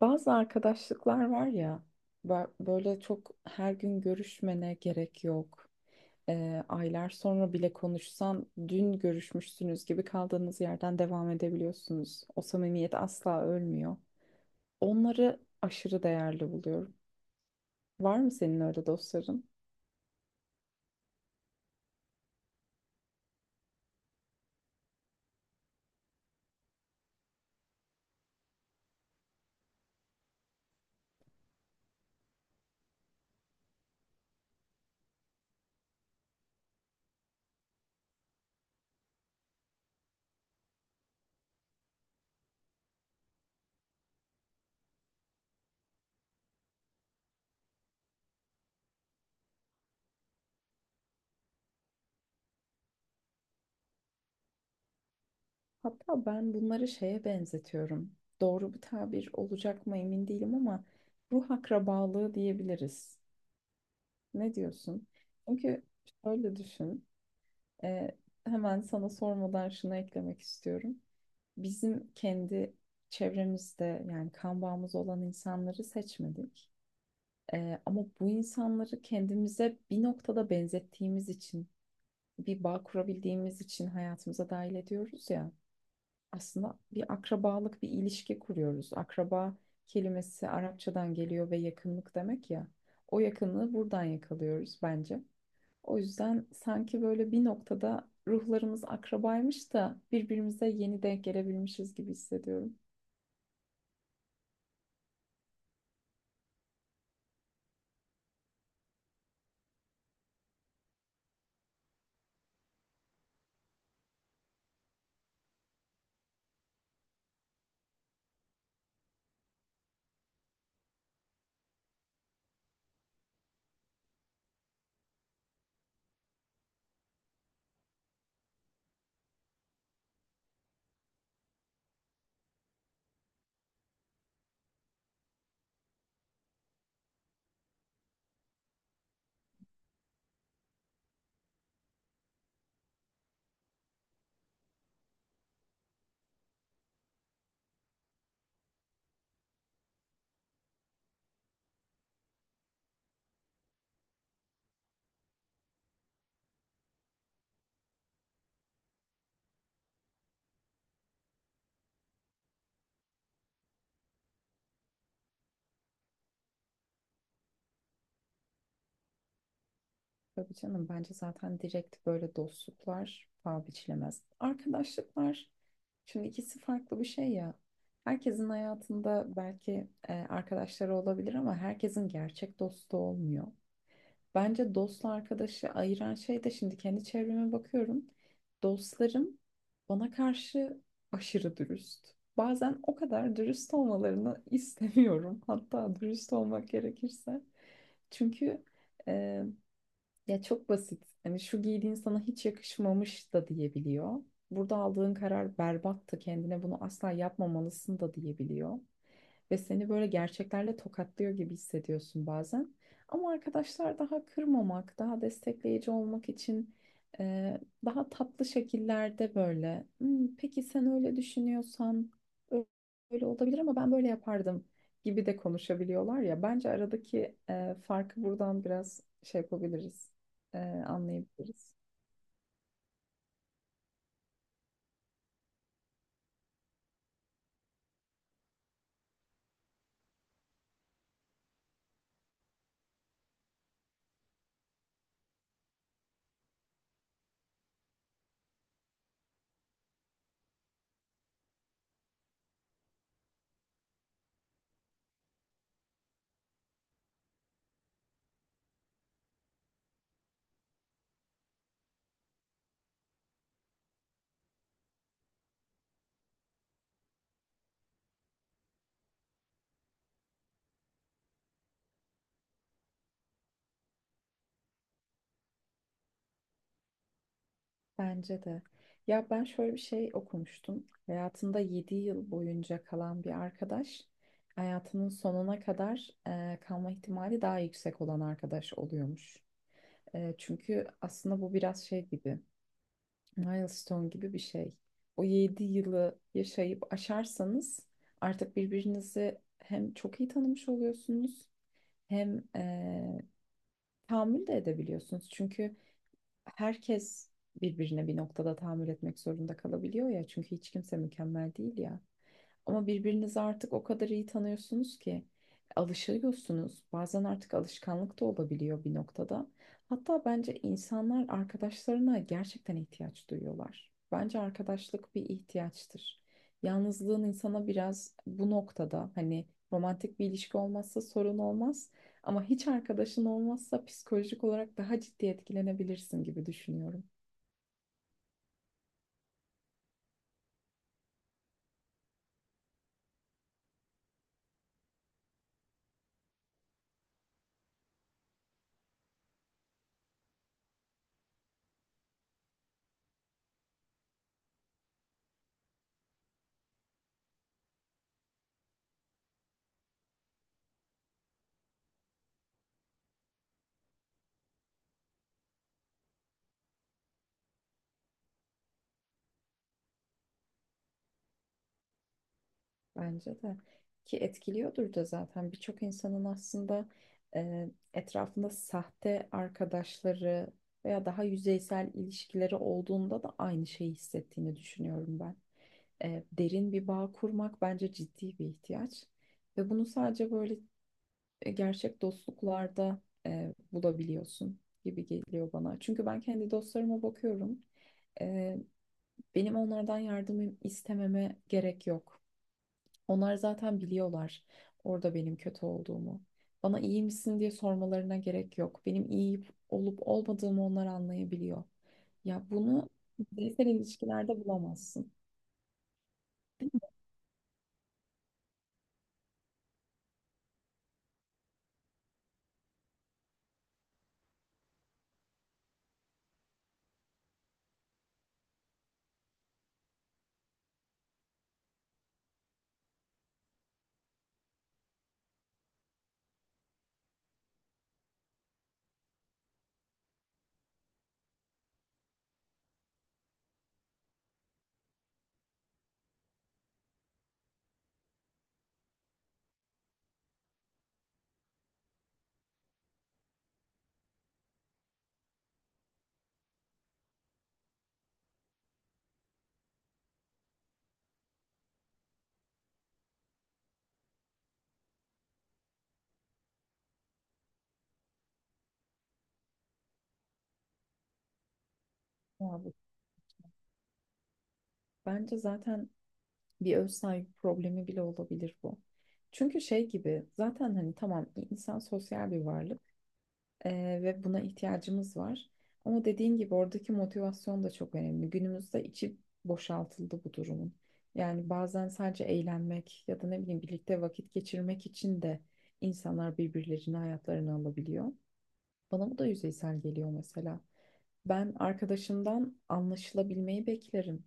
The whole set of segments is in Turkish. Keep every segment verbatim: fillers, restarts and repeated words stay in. Bazı arkadaşlıklar var ya bö- böyle çok her gün görüşmene gerek yok. Ee, aylar sonra bile konuşsan dün görüşmüşsünüz gibi kaldığınız yerden devam edebiliyorsunuz. O samimiyet asla ölmüyor. Onları aşırı değerli buluyorum. Var mı senin öyle dostların? Hatta ben bunları şeye benzetiyorum. Doğru bir tabir olacak mı emin değilim ama ruh akrabalığı diyebiliriz. Ne diyorsun? Çünkü şöyle düşün. Ee, Hemen sana sormadan şunu eklemek istiyorum. Bizim kendi çevremizde yani kan bağımız olan insanları seçmedik. Ee, ama bu insanları kendimize bir noktada benzettiğimiz için, bir bağ kurabildiğimiz için hayatımıza dahil ediyoruz ya. Aslında bir akrabalık, bir ilişki kuruyoruz. Akraba kelimesi Arapçadan geliyor ve yakınlık demek ya. O yakınlığı buradan yakalıyoruz bence. O yüzden sanki böyle bir noktada ruhlarımız akrabaymış da birbirimize yeni denk gelebilmişiz gibi hissediyorum. Tabii canım, bence zaten direkt böyle dostluklar paha biçilemez. Arkadaşlıklar, şimdi ikisi farklı bir şey ya. Herkesin hayatında belki e, arkadaşları olabilir ama herkesin gerçek dostu olmuyor. Bence dostla arkadaşı ayıran şey de, şimdi kendi çevreme bakıyorum. Dostlarım bana karşı aşırı dürüst. Bazen o kadar dürüst olmalarını istemiyorum. Hatta dürüst olmak gerekirse. Çünkü e, Ya çok basit. Hani şu giydiğin sana hiç yakışmamış da diyebiliyor. Burada aldığın karar berbattı. Kendine bunu asla yapmamalısın da diyebiliyor ve seni böyle gerçeklerle tokatlıyor gibi hissediyorsun bazen. Ama arkadaşlar daha kırmamak, daha destekleyici olmak için e, daha tatlı şekillerde böyle "Hmm, peki sen öyle düşünüyorsan ö- öyle olabilir ama ben böyle yapardım" gibi de konuşabiliyorlar ya. Bence aradaki e, farkı buradan biraz şey yapabiliriz, e, anlayabiliriz. Bence de. Ya ben şöyle bir şey okumuştum. Hayatında yedi yıl boyunca kalan bir arkadaş, hayatının sonuna kadar e, kalma ihtimali daha yüksek olan arkadaş oluyormuş. E, çünkü aslında bu biraz şey gibi, milestone gibi bir şey. O yedi yılı yaşayıp aşarsanız artık birbirinizi hem çok iyi tanımış oluyorsunuz hem e, tahammül de edebiliyorsunuz. Çünkü herkes birbirine bir noktada tahammül etmek zorunda kalabiliyor ya. Çünkü hiç kimse mükemmel değil ya. Ama birbirinizi artık o kadar iyi tanıyorsunuz ki alışıyorsunuz. Bazen artık alışkanlık da olabiliyor bir noktada. Hatta bence insanlar arkadaşlarına gerçekten ihtiyaç duyuyorlar. Bence arkadaşlık bir ihtiyaçtır. Yalnızlığın insana biraz bu noktada, hani romantik bir ilişki olmazsa sorun olmaz. Ama hiç arkadaşın olmazsa psikolojik olarak daha ciddi etkilenebilirsin gibi düşünüyorum. Bence de. Ki etkiliyordur da zaten, birçok insanın aslında e, etrafında sahte arkadaşları veya daha yüzeysel ilişkileri olduğunda da aynı şeyi hissettiğini düşünüyorum ben. E, derin bir bağ kurmak bence ciddi bir ihtiyaç. Ve bunu sadece böyle e, gerçek dostluklarda e, bulabiliyorsun gibi geliyor bana. Çünkü ben kendi dostlarıma bakıyorum. E, Benim onlardan yardım istememe gerek yok. Onlar zaten biliyorlar orada benim kötü olduğumu. Bana iyi misin diye sormalarına gerek yok. Benim iyi olup olmadığımı onlar anlayabiliyor. Ya bunu bireysel ilişkilerde bulamazsın. Ya bu- Bence zaten bir öz saygı problemi bile olabilir bu. Çünkü şey gibi zaten, hani tamam, insan sosyal bir varlık eee, ve buna ihtiyacımız var. Ama dediğin gibi oradaki motivasyon da çok önemli. Günümüzde içi boşaltıldı bu durumun. Yani bazen sadece eğlenmek ya da ne bileyim birlikte vakit geçirmek için de insanlar birbirlerini hayatlarına alabiliyor. Bana bu da yüzeysel geliyor mesela. Ben arkadaşımdan anlaşılabilmeyi beklerim.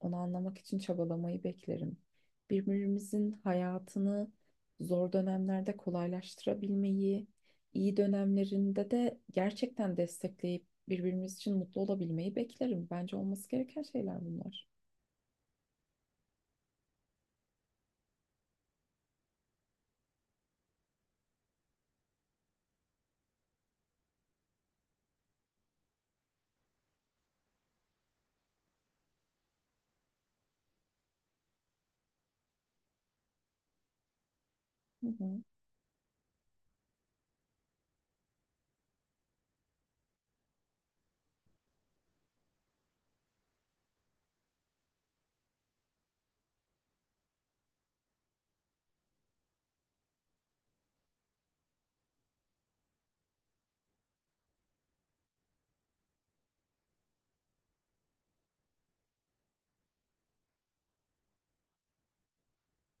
Onu anlamak için çabalamayı beklerim. Birbirimizin hayatını zor dönemlerde kolaylaştırabilmeyi, iyi dönemlerinde de gerçekten destekleyip birbirimiz için mutlu olabilmeyi beklerim. Bence olması gereken şeyler bunlar. Hı hı.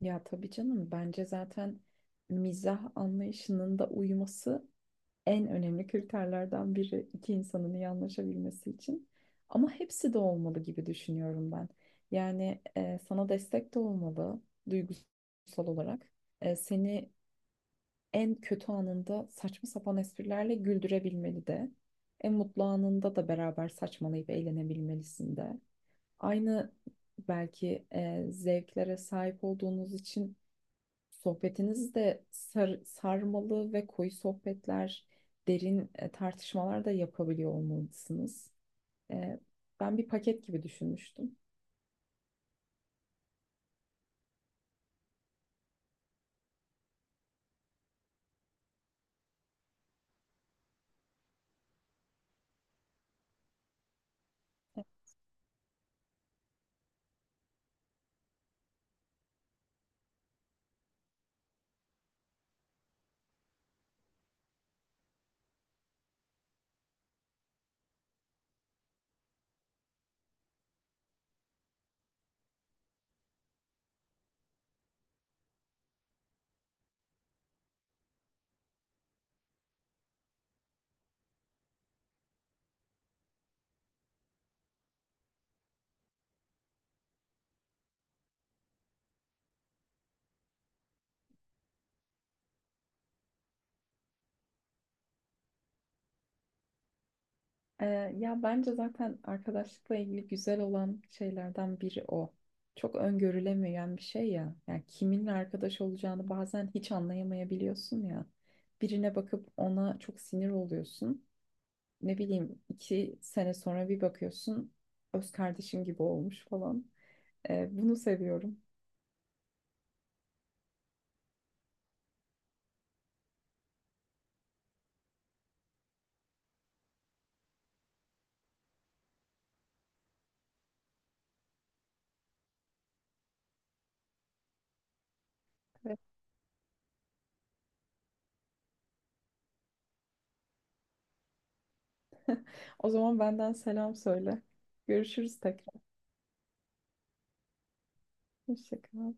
Ya tabii canım, bence zaten mizah anlayışının da uyuması en önemli kriterlerden biri iki insanın iyi anlaşabilmesi için. Ama hepsi de olmalı gibi düşünüyorum ben. Yani e, sana destek de olmalı duygusal olarak. E, seni en kötü anında saçma sapan esprilerle güldürebilmeli de. En mutlu anında da beraber saçmalayıp eğlenebilmelisin de. Aynı belki e, zevklere sahip olduğunuz için sohbetiniz de sar- sarmalı ve koyu sohbetler, derin e, tartışmalar da yapabiliyor olmalısınız. E, Ben bir paket gibi düşünmüştüm. E, Ya bence zaten arkadaşlıkla ilgili güzel olan şeylerden biri o. Çok öngörülemeyen bir şey ya. Yani kiminle arkadaş olacağını bazen hiç anlayamayabiliyorsun ya. Birine bakıp ona çok sinir oluyorsun. Ne bileyim, iki sene sonra bir bakıyorsun öz kardeşin gibi olmuş falan. Ee, bunu seviyorum. Evet. O zaman benden selam söyle. Görüşürüz tekrar. Hoşça kal.